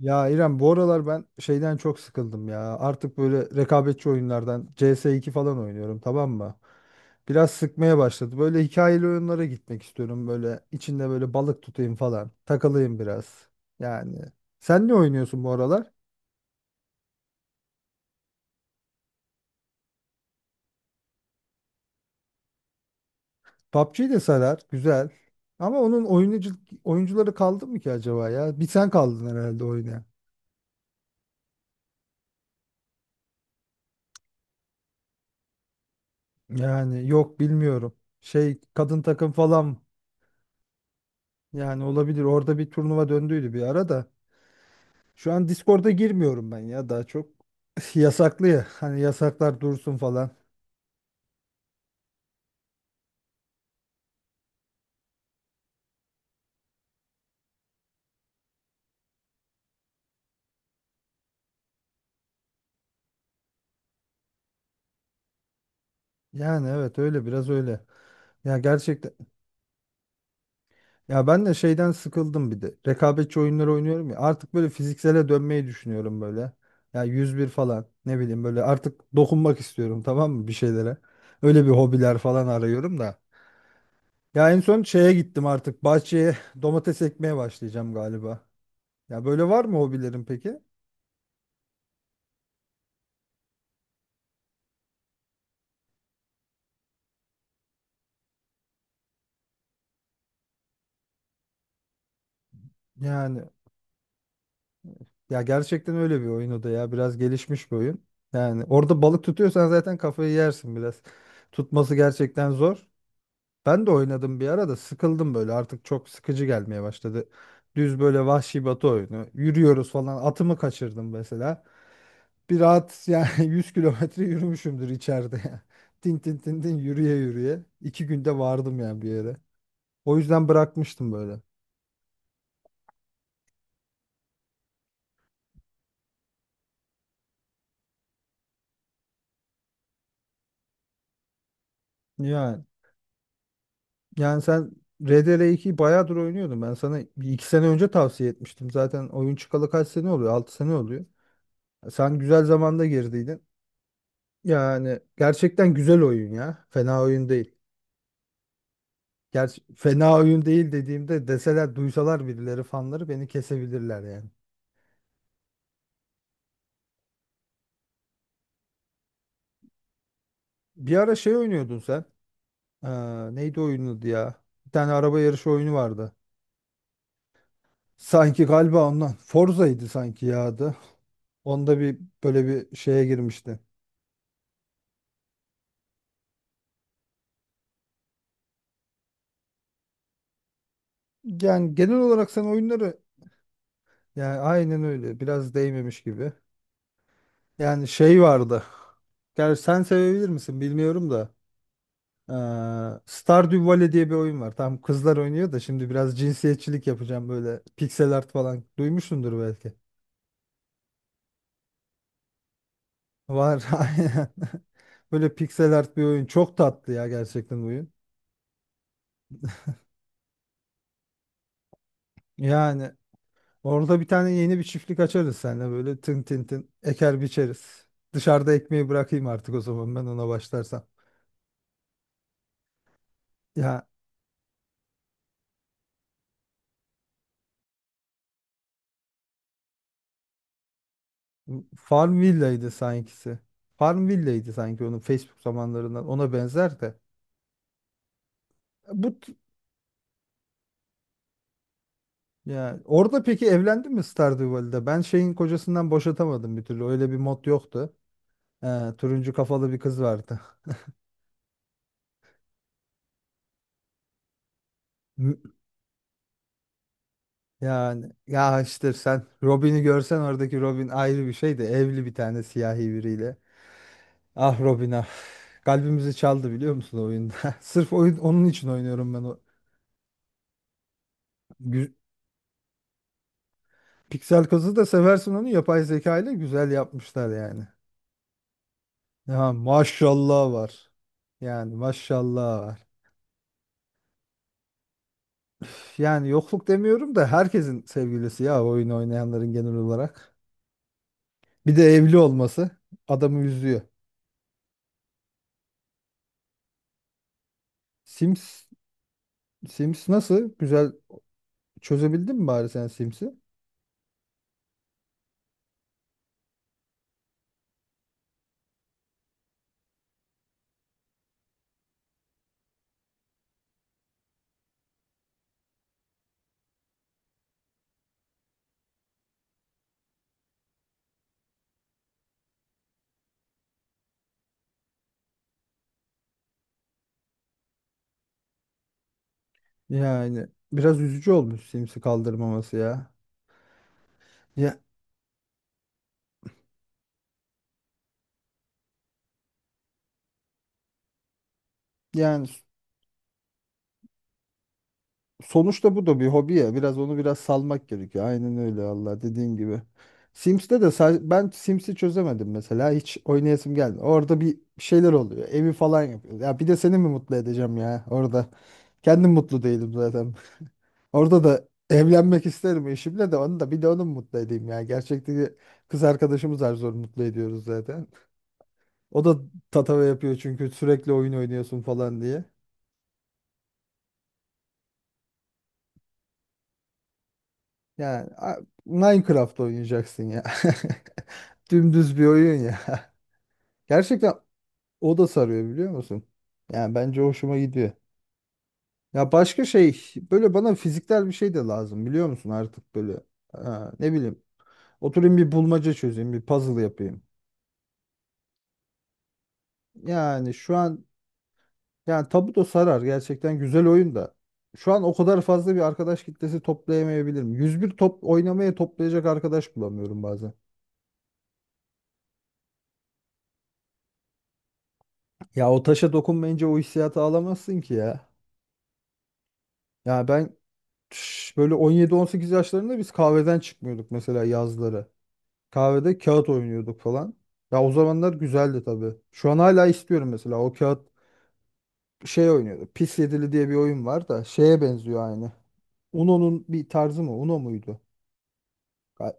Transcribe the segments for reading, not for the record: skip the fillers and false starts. Ya İrem, bu aralar ben şeyden çok sıkıldım ya. Artık böyle rekabetçi oyunlardan CS2 falan oynuyorum, tamam mı? Biraz sıkmaya başladı. Böyle hikayeli oyunlara gitmek istiyorum. Böyle içinde böyle balık tutayım falan. Takılayım biraz. Yani sen ne oynuyorsun bu aralar? PUBG de sarar. Güzel. Ama oyuncuları kaldı mı ki acaba ya? Bir sen kaldın herhalde oynayan. Yani yok, bilmiyorum. Şey, kadın takım falan, yani olabilir. Orada bir turnuva döndüydü bir ara da. Şu an Discord'a girmiyorum ben ya daha çok. Yasaklı ya. Hani yasaklar dursun falan. Yani evet, öyle biraz öyle. Ya gerçekten, ya ben de şeyden sıkıldım bir de. Rekabetçi oyunları oynuyorum ya. Artık böyle fiziksele dönmeyi düşünüyorum böyle. Ya 101 falan, ne bileyim, böyle artık dokunmak istiyorum, tamam mı, bir şeylere. Öyle bir hobiler falan arıyorum da. Ya en son şeye gittim, artık bahçeye domates ekmeye başlayacağım galiba. Ya, böyle var mı hobilerin peki? Yani, ya gerçekten öyle bir oyun o da ya. Biraz gelişmiş bir oyun. Yani orada balık tutuyorsan zaten kafayı yersin biraz. Tutması gerçekten zor. Ben de oynadım bir ara da sıkıldım böyle. Artık çok sıkıcı gelmeye başladı. Düz böyle vahşi batı oyunu. Yürüyoruz falan. Atımı kaçırdım mesela. Bir rahat yani, 100 kilometre yürümüşümdür içeride ya. Tin tin tin tin yürüye yürüye. İki günde vardım yani bir yere. O yüzden bırakmıştım böyle. Yani. Yani sen RDR2'yi bayağıdır oynuyordun. Ben sana bir iki sene önce tavsiye etmiştim. Zaten oyun çıkalı kaç sene oluyor? 6 sene oluyor. Sen güzel zamanda girdiydin. Yani gerçekten güzel oyun ya. Fena oyun değil. Gerçi fena oyun değil dediğimde deseler, duysalar birileri, fanları beni kesebilirler yani. Bir ara şey oynuyordun sen. Neydi oyunun adı ya? Bir tane araba yarışı oyunu vardı. Sanki galiba ondan. Forza'ydı sanki ya adı. Onda bir böyle bir şeye girmişti. Yani genel olarak sen oyunları, yani aynen öyle, biraz değmemiş gibi. Yani şey vardı. Gerçi sen sevebilir misin bilmiyorum da. Stardew Valley diye bir oyun var. Tam kızlar oynuyor da, şimdi biraz cinsiyetçilik yapacağım, böyle piksel art falan. Duymuşsundur belki. Var. Aynen. Böyle piksel art bir oyun. Çok tatlı ya gerçekten oyun. Yani orada bir tane yeni bir çiftlik açarız seninle, böyle tın tın tın eker biçeriz. Dışarıda ekmeği bırakayım artık o zaman, ben ona başlarsam. Ya Farmville'ydi sankisi. Farmville'ydi sanki onun, Facebook zamanlarından. Ona benzer de. Bu t- ya orada peki evlendin mi Stardew Valley'de? Ben şeyin kocasından boşatamadım bir türlü. Öyle bir mod yoktu. Turuncu kafalı bir kız vardı. M- Yani ya, işte sen Robin'i görsen, oradaki Robin ayrı bir şeydi. Evli bir tane siyahi biriyle. Ah Robin ah. Kalbimizi çaldı, biliyor musun, o oyunda? Sırf oyun onun için oynuyorum ben o. Piksel kazı da seversin, onu yapay zeka ile güzel yapmışlar yani. Ya maşallah var. Yani maşallah var. Üf, yani yokluk demiyorum da, herkesin sevgilisi ya, oyun oynayanların genel olarak. Bir de evli olması adamı üzüyor. Sims. Sims nasıl? Güzel, çözebildin mi bari sen Sims'i? Yani biraz üzücü olmuş Sims'i kaldırmaması ya. Ya yani sonuçta bu da bir hobi ya. Biraz onu biraz salmak gerekiyor. Aynen öyle Allah, dediğin gibi. Ben Sims'i çözemedim mesela. Hiç oynayasım geldi. Orada bir şeyler oluyor. Evi falan yapıyoruz. Ya bir de seni mi mutlu edeceğim ya orada? Kendim mutlu değilim zaten. Orada da evlenmek isterim eşimle, de onu da, bir de onu mu mutlu edeyim ya. Gerçekten kız arkadaşımız zar zor mutlu ediyoruz zaten. O da tatava yapıyor çünkü, sürekli oyun oynuyorsun falan diye. Yani a- Minecraft oynayacaksın ya. Dümdüz bir oyun ya. Gerçekten o da sarıyor, biliyor musun? Yani bence hoşuma gidiyor. Ya başka şey, böyle bana fiziksel bir şey de lazım, biliyor musun, artık böyle. Ha, ne bileyim, oturayım bir bulmaca çözeyim, bir puzzle yapayım. Yani şu an, yani Tabuto sarar gerçekten, güzel oyun da. Şu an o kadar fazla bir arkadaş kitlesi toplayamayabilirim. 101 top oynamaya toplayacak arkadaş bulamıyorum bazen. Ya o taşa dokunmayınca o hissiyatı alamazsın ki ya. Ya ben böyle 17-18 yaşlarında biz kahveden çıkmıyorduk mesela yazları. Kahvede kağıt oynuyorduk falan. Ya o zamanlar güzeldi tabii. Şu an hala istiyorum mesela o kağıt şey oynuyordu. Pis Yedili diye bir oyun var da şeye benziyor aynı. Uno'nun bir tarzı mı? Uno muydu? Ya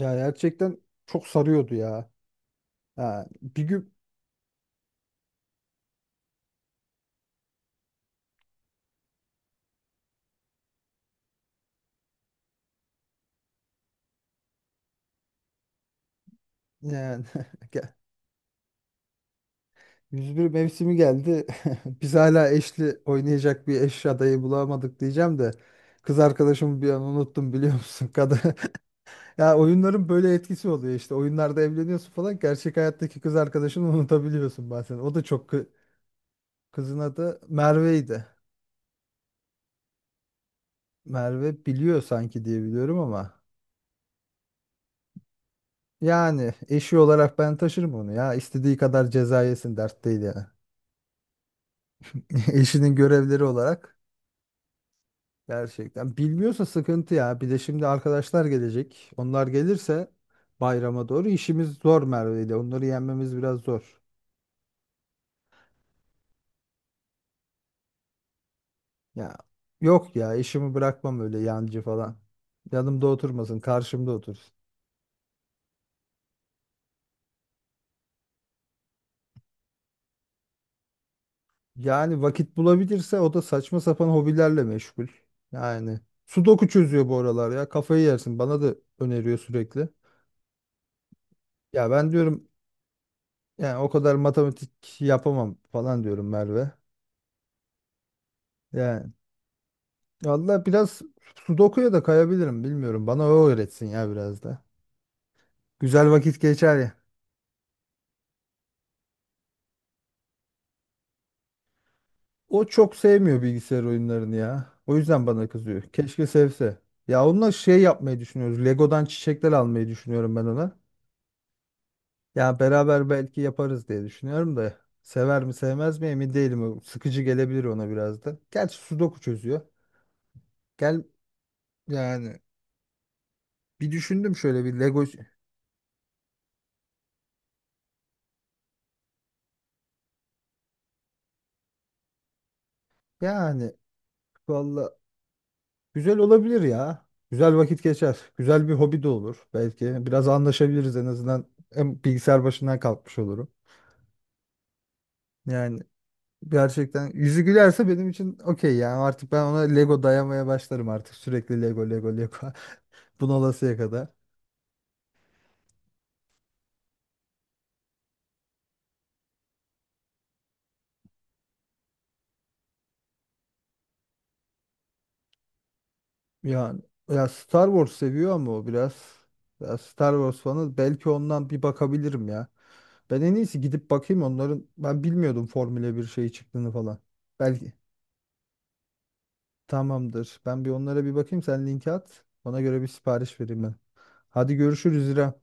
ya gerçekten çok sarıyordu ya. Ha, bir gün yani. 101 mevsimi geldi. Biz hala eşli oynayacak bir eş adayı bulamadık diyeceğim de, kız arkadaşımı bir an unuttum, biliyor musun? Kadın. Ya oyunların böyle etkisi oluyor işte. Oyunlarda evleniyorsun falan. Gerçek hayattaki kız arkadaşını unutabiliyorsun bazen. O da çok kızın adı Merve'ydi. Merve biliyor sanki diye biliyorum ama, yani eşi olarak ben taşırım onu ya. İstediği kadar ceza yesin, dert değil yani. Eşinin görevleri olarak. Gerçekten. Bilmiyorsa sıkıntı ya. Bir de şimdi arkadaşlar gelecek. Onlar gelirse bayrama doğru işimiz zor Merve ile. Onları yenmemiz biraz zor. Ya yok ya, işimi bırakmam öyle yancı falan. Yanımda oturmasın, karşımda otursun. Yani vakit bulabilirse, o da saçma sapan hobilerle meşgul. Yani sudoku çözüyor bu aralar ya. Kafayı yersin. Bana da öneriyor sürekli. Ya ben diyorum yani, o kadar matematik yapamam falan diyorum Merve. Yani valla biraz Sudoku'ya da kayabilirim, bilmiyorum. Bana o öğretsin ya biraz da. Güzel vakit geçer ya. O çok sevmiyor bilgisayar oyunlarını ya. O yüzden bana kızıyor. Keşke sevse. Ya onunla şey yapmayı düşünüyoruz. Lego'dan çiçekler almayı düşünüyorum ben ona. Ya beraber belki yaparız diye düşünüyorum da. Sever mi sevmez mi emin değilim. O sıkıcı gelebilir ona biraz da. Gerçi Sudoku çözüyor. Gel yani bir düşündüm şöyle bir Lego. Yani valla güzel olabilir ya. Güzel vakit geçer. Güzel bir hobi de olur. Belki biraz anlaşabiliriz en azından. Hem bilgisayar başından kalkmış olurum. Yani gerçekten yüzü gülerse benim için okey yani, artık ben ona Lego dayamaya başlarım artık. Sürekli Lego Lego Lego. Bunalasıya kadar. Yani ya Star Wars seviyor ama o biraz. Ya Star Wars fanı, belki ondan bir bakabilirim ya. Ben en iyisi gidip bakayım onların. Ben bilmiyordum Formula bir şey çıktığını falan. Belki. Tamamdır. Ben bir onlara bir bakayım. Sen linki at. Ona göre bir sipariş vereyim ben. Hadi görüşürüz İrem.